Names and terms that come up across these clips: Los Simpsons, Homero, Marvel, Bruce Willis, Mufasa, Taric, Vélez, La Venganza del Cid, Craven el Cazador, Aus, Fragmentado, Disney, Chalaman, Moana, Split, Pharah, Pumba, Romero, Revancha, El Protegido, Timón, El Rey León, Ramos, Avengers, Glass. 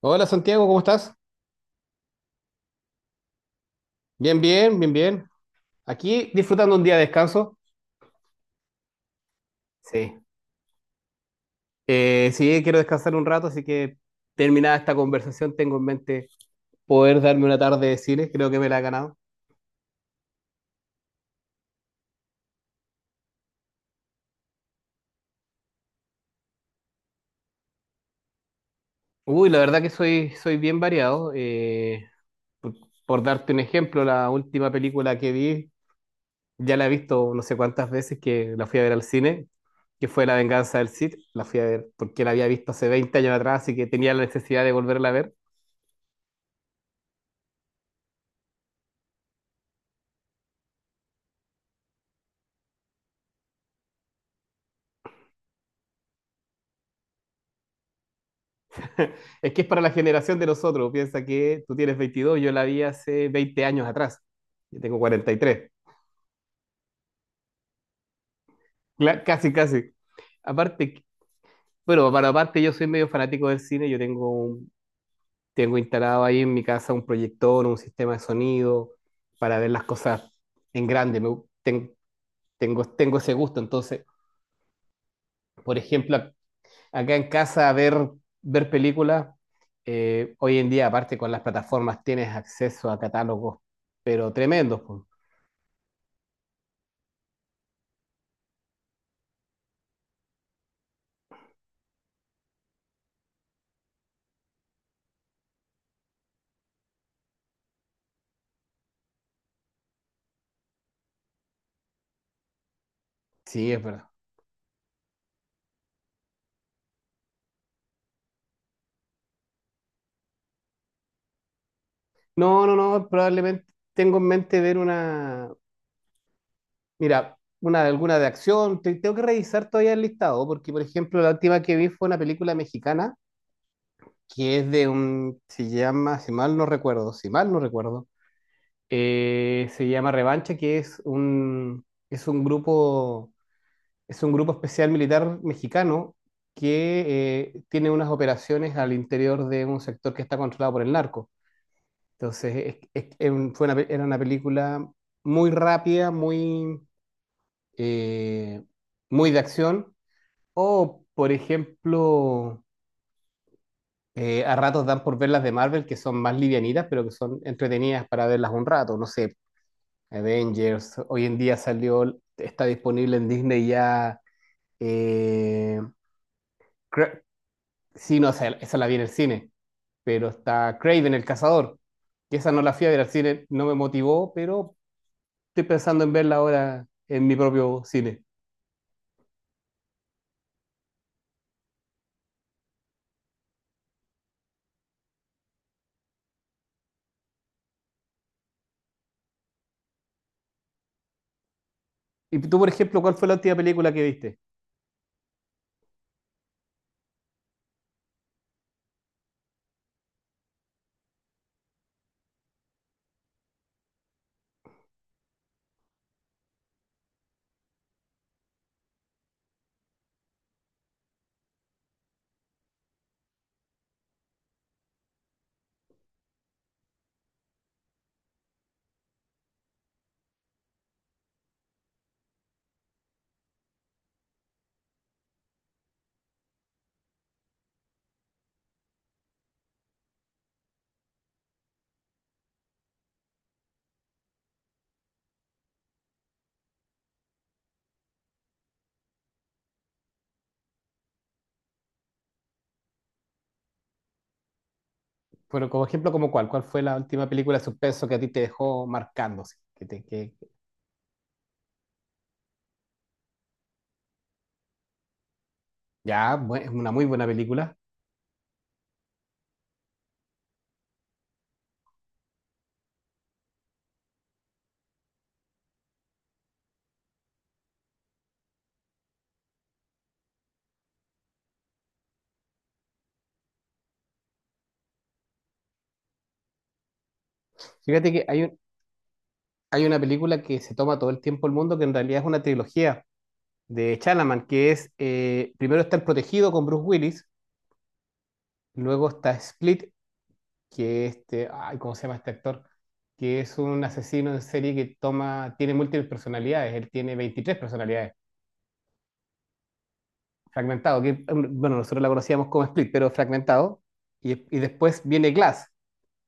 Hola Santiago, ¿cómo estás? Bien, bien, bien, bien. Aquí disfrutando un día de descanso. Sí. Sí, quiero descansar un rato, así que terminada esta conversación tengo en mente poder darme una tarde de cine, creo que me la ha ganado. Uy, la verdad que soy bien variado. Por, por darte un ejemplo, la última película que vi, ya la he visto no sé cuántas veces que la fui a ver al cine, que fue La Venganza del Cid. La fui a ver porque la había visto hace 20 años atrás, así que tenía la necesidad de volverla a ver. Es que es para la generación de nosotros. Piensa que tú tienes 22, yo la vi hace 20 años atrás. Yo tengo 43. Casi, casi. Aparte, bueno, para aparte yo soy medio fanático del cine. Tengo instalado ahí en mi casa un proyector, un sistema de sonido para ver las cosas en grande. Tengo, tengo ese gusto. Entonces, por ejemplo, acá en casa ver películas, hoy en día, aparte con las plataformas, tienes acceso a catálogos, pero tremendos. Pues. Sí, es verdad. No, no, no, probablemente tengo en mente ver una, mira, una alguna de acción. Tengo que revisar todavía el listado, porque por ejemplo la última que vi fue una película mexicana que es de un, se llama, si mal no recuerdo, se llama Revancha, que es un grupo especial militar mexicano que tiene unas operaciones al interior de un sector que está controlado por el narco. Entonces, es un- fue una pe- era una película muy rápida, muy, eh, muy de acción. O, por ejemplo, a ratos dan por ver las de Marvel, que son más livianitas, pero que son entretenidas para verlas un rato. No sé, Avengers, hoy en día salió, está disponible en Disney ya. eh, Cra- sí, no, o sea, esa la vi en el cine, pero está Craven el Cazador. Y esa no la fui a ver al cine, no me motivó, pero estoy pensando en verla ahora en mi propio cine. ¿Y tú, por ejemplo, cuál fue la última película que viste? Bueno, como ejemplo, como cuál, ¿cuál fue la última película de suspenso que a ti te dejó marcándose? Ya, es una muy buena película. Fíjate que hay, un- hay una película que se toma todo el tiempo el mundo, que en realidad es una trilogía de Chalaman, que es, primero está El Protegido con Bruce Willis, luego está Split, que este, ay, ¿cómo se llama este actor? Que es un asesino en serie que toma, tiene múltiples personalidades, él tiene 23 personalidades. Fragmentado, que bueno, nosotros la conocíamos como Split, pero Fragmentado. Y, después viene Glass.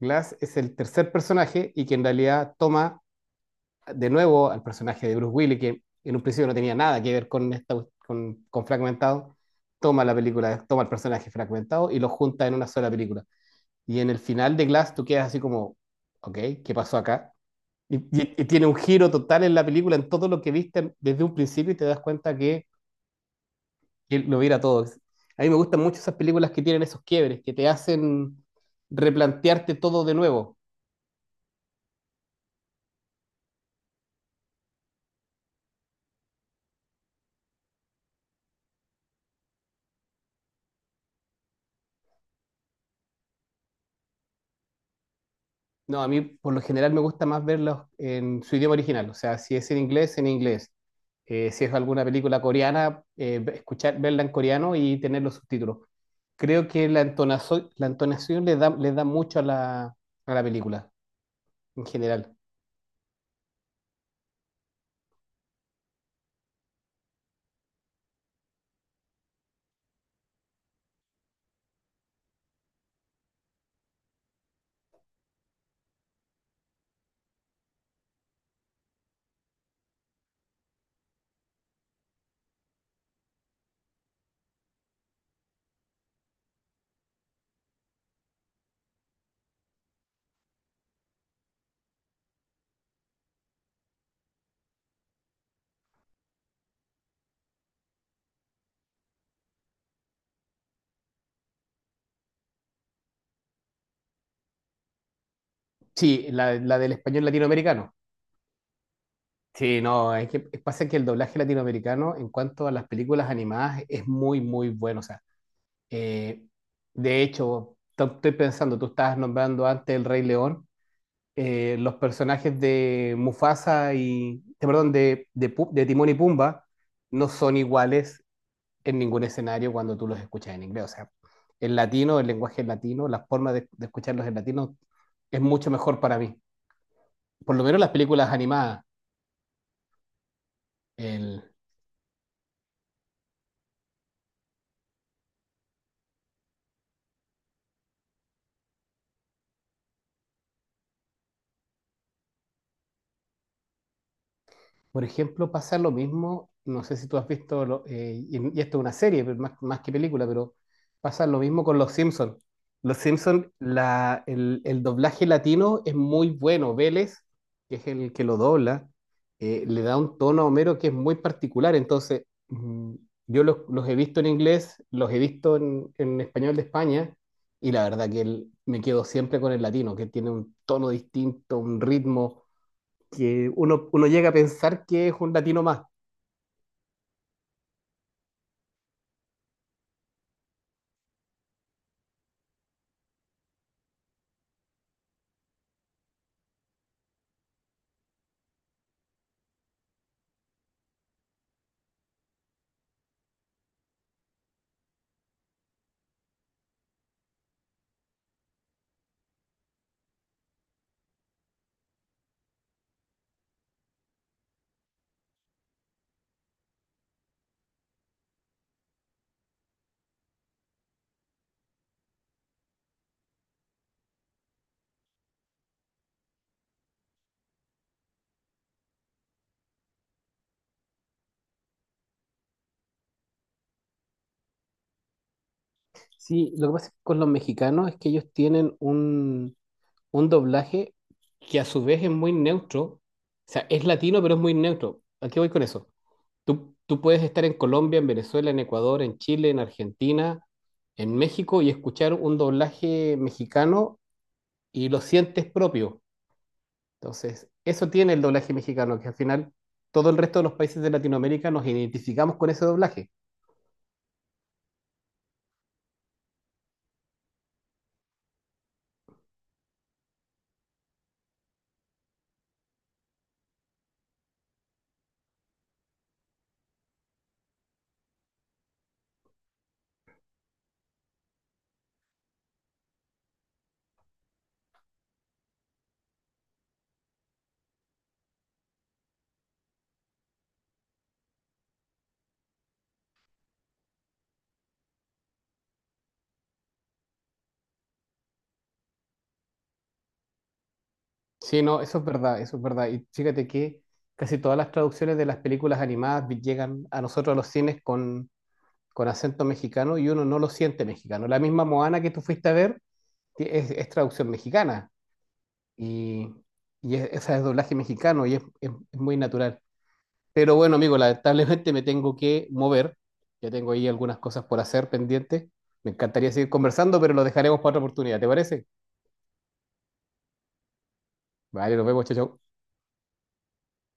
Glass es el tercer personaje y que en realidad toma de nuevo al personaje de Bruce Willis, que en un principio no tenía nada que ver con, esta, con Fragmentado, toma la película, toma el personaje fragmentado y lo junta en una sola película. Y en el final de Glass tú quedas así como, ok, ¿qué pasó acá? Y tiene un giro total en la película, en todo lo que viste desde un principio y te das cuenta que lo viera todo. A mí me gustan mucho esas películas que tienen esos quiebres, que te hacen replantearte todo de nuevo. No, a mí por lo general me gusta más verlos en su idioma original, o sea, si es en inglés, en inglés. Si es alguna película coreana, escuchar, verla en coreano y tener los subtítulos. Creo que la entonación le da mucho a la película en general. Sí, la del español latinoamericano. Sí, no, es que pasa que el doblaje latinoamericano en cuanto a las películas animadas es muy, muy bueno. O sea, eh, de hecho, estoy pensando, tú estabas nombrando antes El Rey León, los personajes de Mufasa y, perdón, de Timón y Pumba no son iguales en ningún escenario cuando tú los escuchas en inglés. O sea, el latino, el lenguaje latino, la forma de escucharlos en latino es mucho mejor para mí. Por lo menos las películas animadas. Por ejemplo, pasa lo mismo, no sé si tú has visto, y esto es una serie, pero más, más que película, pero pasa lo mismo con Los Simpsons. Los Simpsons, el doblaje latino es muy bueno. Vélez, que es el que lo dobla, le da un tono a Homero que es muy particular. Entonces, yo los he visto en inglés, los he visto en español de España, y la verdad que me quedo siempre con el latino, que tiene un tono distinto, un ritmo que uno, uno llega a pensar que es un latino más. Sí, lo que pasa con los mexicanos es que ellos tienen un doblaje que a su vez es muy neutro. O sea, es latino, pero es muy neutro. ¿A qué voy con eso? Tú puedes estar en Colombia, en Venezuela, en Ecuador, en Chile, en Argentina, en México y escuchar un doblaje mexicano y lo sientes propio. Entonces, eso tiene el doblaje mexicano, que al final todo el resto de los países de Latinoamérica nos identificamos con ese doblaje. Sí, no, eso es verdad, eso es verdad. Y fíjate que casi todas las traducciones de las películas animadas llegan a nosotros a los cines con acento mexicano y uno no lo siente mexicano. La misma Moana que tú fuiste a ver es traducción mexicana y, esa es doblaje mexicano y es, es muy natural. Pero bueno, amigo, lamentablemente me tengo que mover. Ya tengo ahí algunas cosas por hacer pendientes. Me encantaría seguir conversando, pero lo dejaremos para otra oportunidad, ¿te parece? Vale, nos vemos, chao, chao.